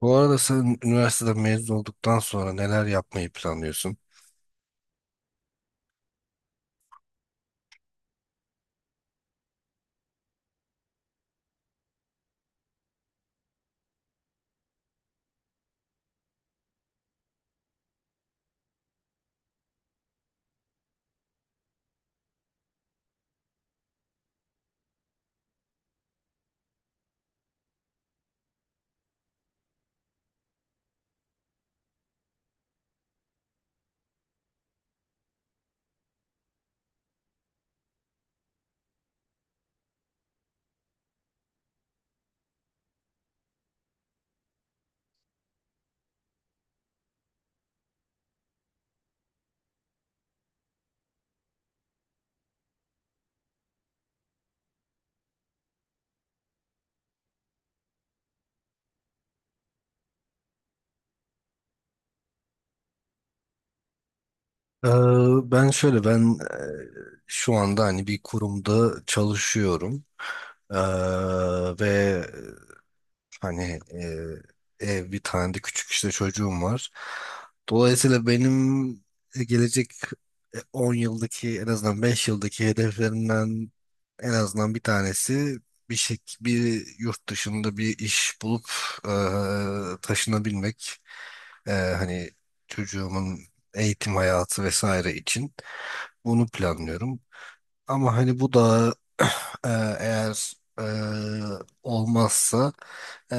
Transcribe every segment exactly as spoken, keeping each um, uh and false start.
Bu arada sen üniversiteden mezun olduktan sonra neler yapmayı planlıyorsun? Ee, ben şöyle, ben e, şu anda hani bir kurumda çalışıyorum. Ee, ve hani e, ev bir tane de küçük işte çocuğum var. Dolayısıyla benim e, gelecek e, on yıldaki en azından beş yıldaki hedeflerimden en azından bir tanesi bir şey, bir yurt dışında bir iş bulup e, taşınabilmek. Ee, hani çocuğumun eğitim hayatı vesaire için bunu planlıyorum. Ama hani bu da e, eğer e, olmazsa e,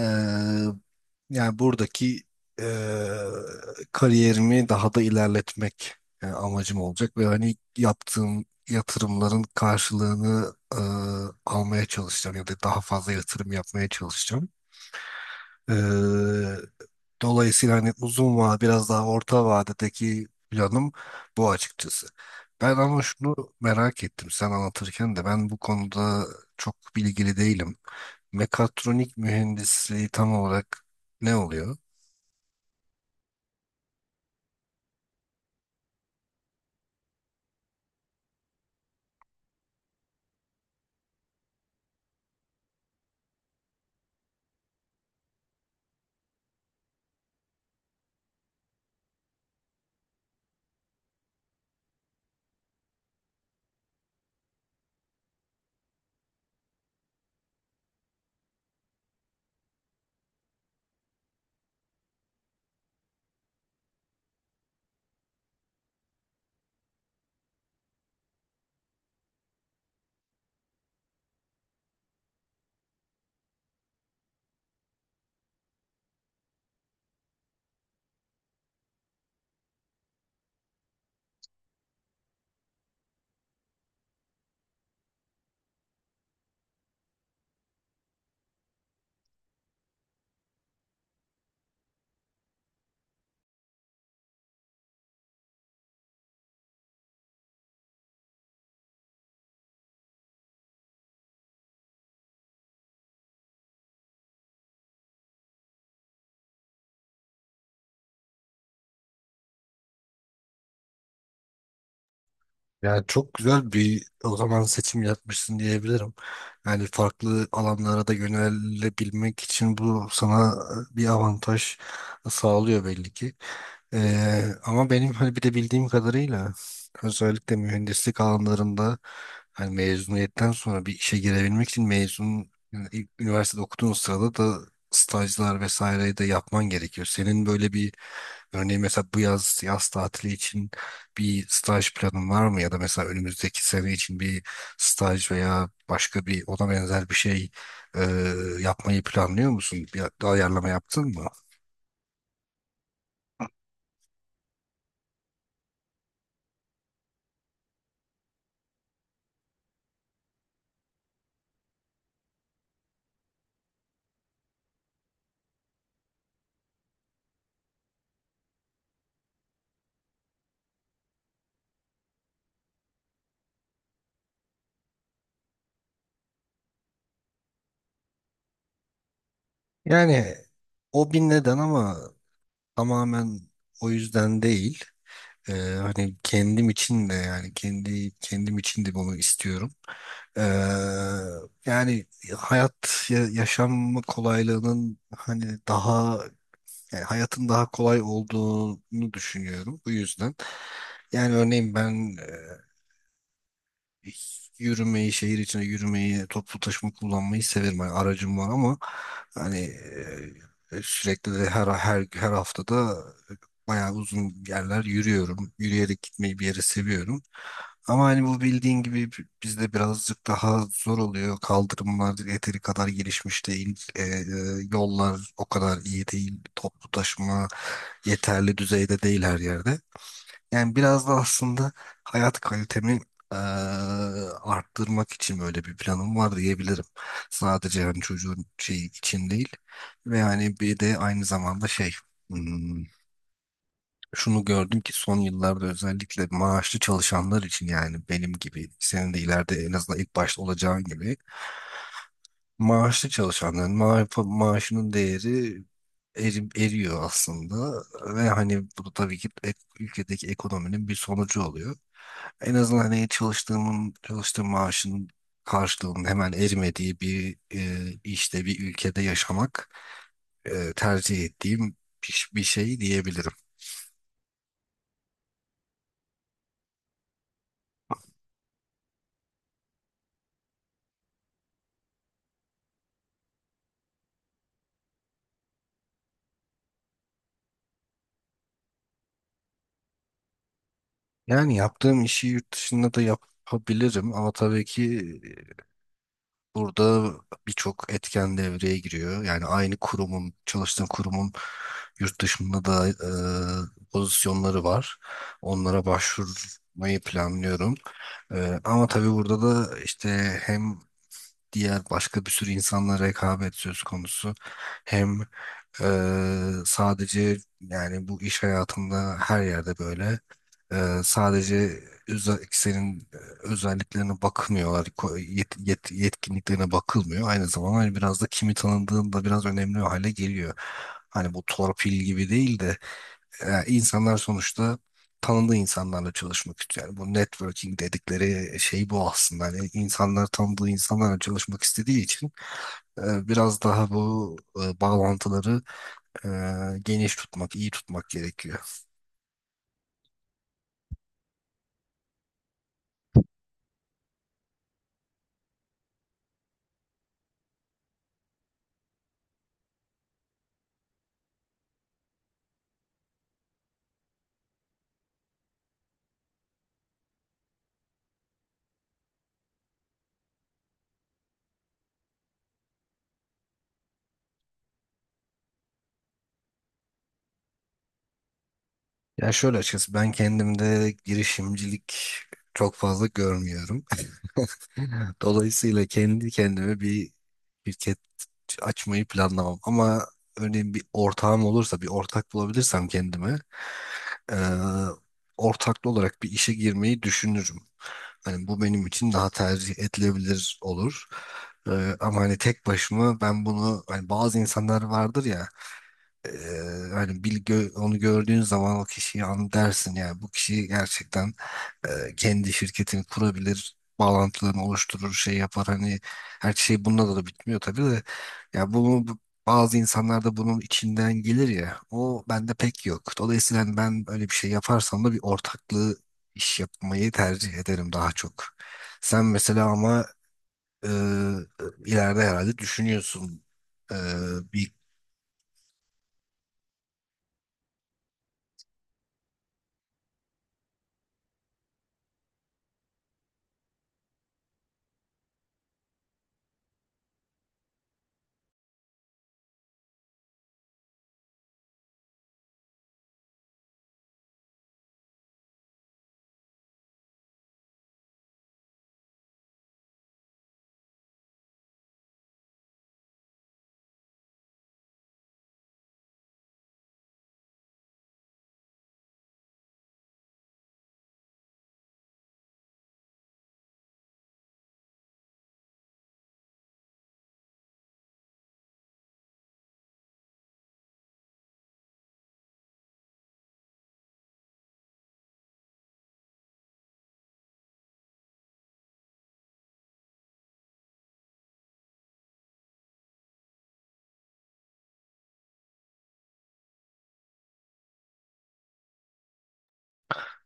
yani buradaki e, kariyerimi daha da ilerletmek e, amacım olacak ve hani yaptığım yatırımların karşılığını e, almaya çalışacağım ya da daha fazla yatırım yapmaya çalışacağım. E, Dolayısıyla hani uzun vade biraz daha orta vadedeki planım bu açıkçası. Ben ama şunu merak ettim, sen anlatırken de ben bu konuda çok bilgili değilim. Mekatronik mühendisliği tam olarak ne oluyor? Yani çok güzel bir o zaman seçim yapmışsın diyebilirim. Yani farklı alanlara da yönelebilmek için bu sana e, bir avantaj sağlıyor belli ki. Ee, ama benim hani bir de bildiğim kadarıyla özellikle mühendislik alanlarında hani mezuniyetten sonra bir işe girebilmek için mezun, yani ilk üniversitede okuduğun sırada da stajlar vesaireyi de yapman gerekiyor. Senin böyle bir, örneğin mesela bu yaz yaz tatili için bir staj planın var mı ya da mesela önümüzdeki sene için bir staj veya başka bir ona benzer bir şey e, yapmayı planlıyor musun? Bir ayarlama yaptın mı? Yani o bir neden ama tamamen o yüzden değil. E, hani kendim için de, yani kendi kendim için de bunu istiyorum. E, yani hayat ya- yaşam kolaylığının hani daha, yani hayatın daha kolay olduğunu düşünüyorum bu yüzden. Yani örneğin ben yürümeyi, şehir içine yürümeyi, toplu taşıma kullanmayı severim. Yani aracım var ama hani e, sürekli de her her her haftada bayağı uzun yerler yürüyorum. Yürüyerek gitmeyi bir yere seviyorum. Ama hani bu bildiğin gibi b- bizde birazcık daha zor oluyor. Kaldırımlar yeteri kadar gelişmiş değil. E, e, yollar o kadar iyi değil. Toplu taşıma yeterli düzeyde değil her yerde. Yani biraz da aslında hayat kalitemi eee, arttırmak için böyle bir planım var diyebilirim. Sadece yani çocuğun şey için değil. Ve hani bir de aynı zamanda şey, hmm, şunu gördüm ki son yıllarda özellikle maaşlı çalışanlar için, yani benim gibi senin de ileride en azından ilk başta olacağın gibi, maaşlı çalışanların ma maaşının değeri eri- eriyor aslında ve hani bu da tabii ki ek- ülkedeki ekonominin bir sonucu oluyor. En azından hani çalıştığımın çalıştığım maaşın karşılığının hemen erimediği bir e, işte bir ülkede yaşamak e, tercih ettiğim bir, bir şey diyebilirim. Yani yaptığım işi yurt dışında da yapabilirim ama tabii ki burada birçok etken devreye giriyor. Yani aynı kurumun, çalıştığın kurumun, yurt dışında da e, pozisyonları var. Onlara başvurmayı planlıyorum. E, ama tabii burada da işte hem diğer başka bir sürü insanla rekabet söz konusu, hem ee, sadece yani bu iş hayatında her yerde böyle. Ee, sadece özel- senin özelliklerine bakmıyorlar, ko- yet, yet- yetkinliklerine bakılmıyor. Aynı zamanda hani biraz da kimi tanıdığın da biraz önemli hale geliyor. Hani bu torpil gibi değil de, e, insanlar sonuçta tanıdığı insanlarla çalışmak istiyor. Yani bu networking dedikleri şey bu aslında. Hani insanlar tanıdığı insanlarla çalışmak istediği için e, biraz daha bu e, bağlantıları e, geniş tutmak, iyi tutmak gerekiyor. Ya şöyle, açıkçası ben kendimde girişimcilik çok fazla görmüyorum. Dolayısıyla kendi kendime bir şirket açmayı planlamam. Ama örneğin bir ortağım olursa, bir ortak bulabilirsem kendime, e, ortaklı olarak bir işe girmeyi düşünürüm. Hani bu benim için daha tercih edilebilir olur. E, ama hani tek başıma, ben bunu hani bazı insanlar vardır ya. Eee, hani bir gö- onu gördüğün zaman o kişiyi an dersin, yani bu kişi gerçekten, eee, kendi şirketini kurabilir, bağlantılarını oluşturur, şey yapar. Hani her şey bununla da bitmiyor tabii de, ya bunu bu- bazı insanlar da bunun içinden gelir ya, o bende pek yok. Dolayısıyla hani ben öyle bir şey yaparsam da bir ortaklığı iş yapmayı tercih ederim daha çok. Sen mesela ama eee, ileride herhalde düşünüyorsun, eee, bir.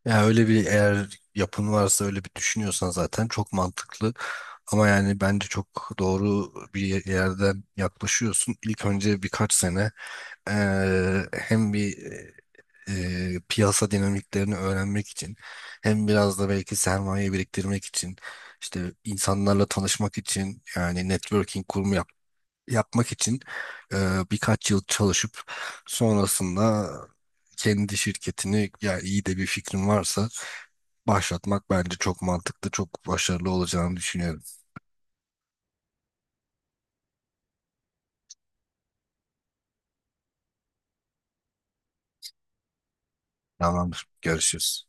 Ya öyle bir, eğer yapın varsa, öyle bir düşünüyorsan zaten çok mantıklı. Ama yani bence çok doğru bir yerden yaklaşıyorsun. İlk önce birkaç sene, eee, hem bir, eee, piyasa dinamiklerini öğrenmek için, hem biraz da belki sermaye biriktirmek için, işte insanlarla tanışmak için, yani networking kurumu yap- yapmak için, eee, birkaç yıl çalışıp sonrasında kendi şirketini, ya iyi de bir fikrin varsa, başlatmak bence çok mantıklı, çok başarılı olacağını düşünüyorum. Tamamdır. Görüşürüz.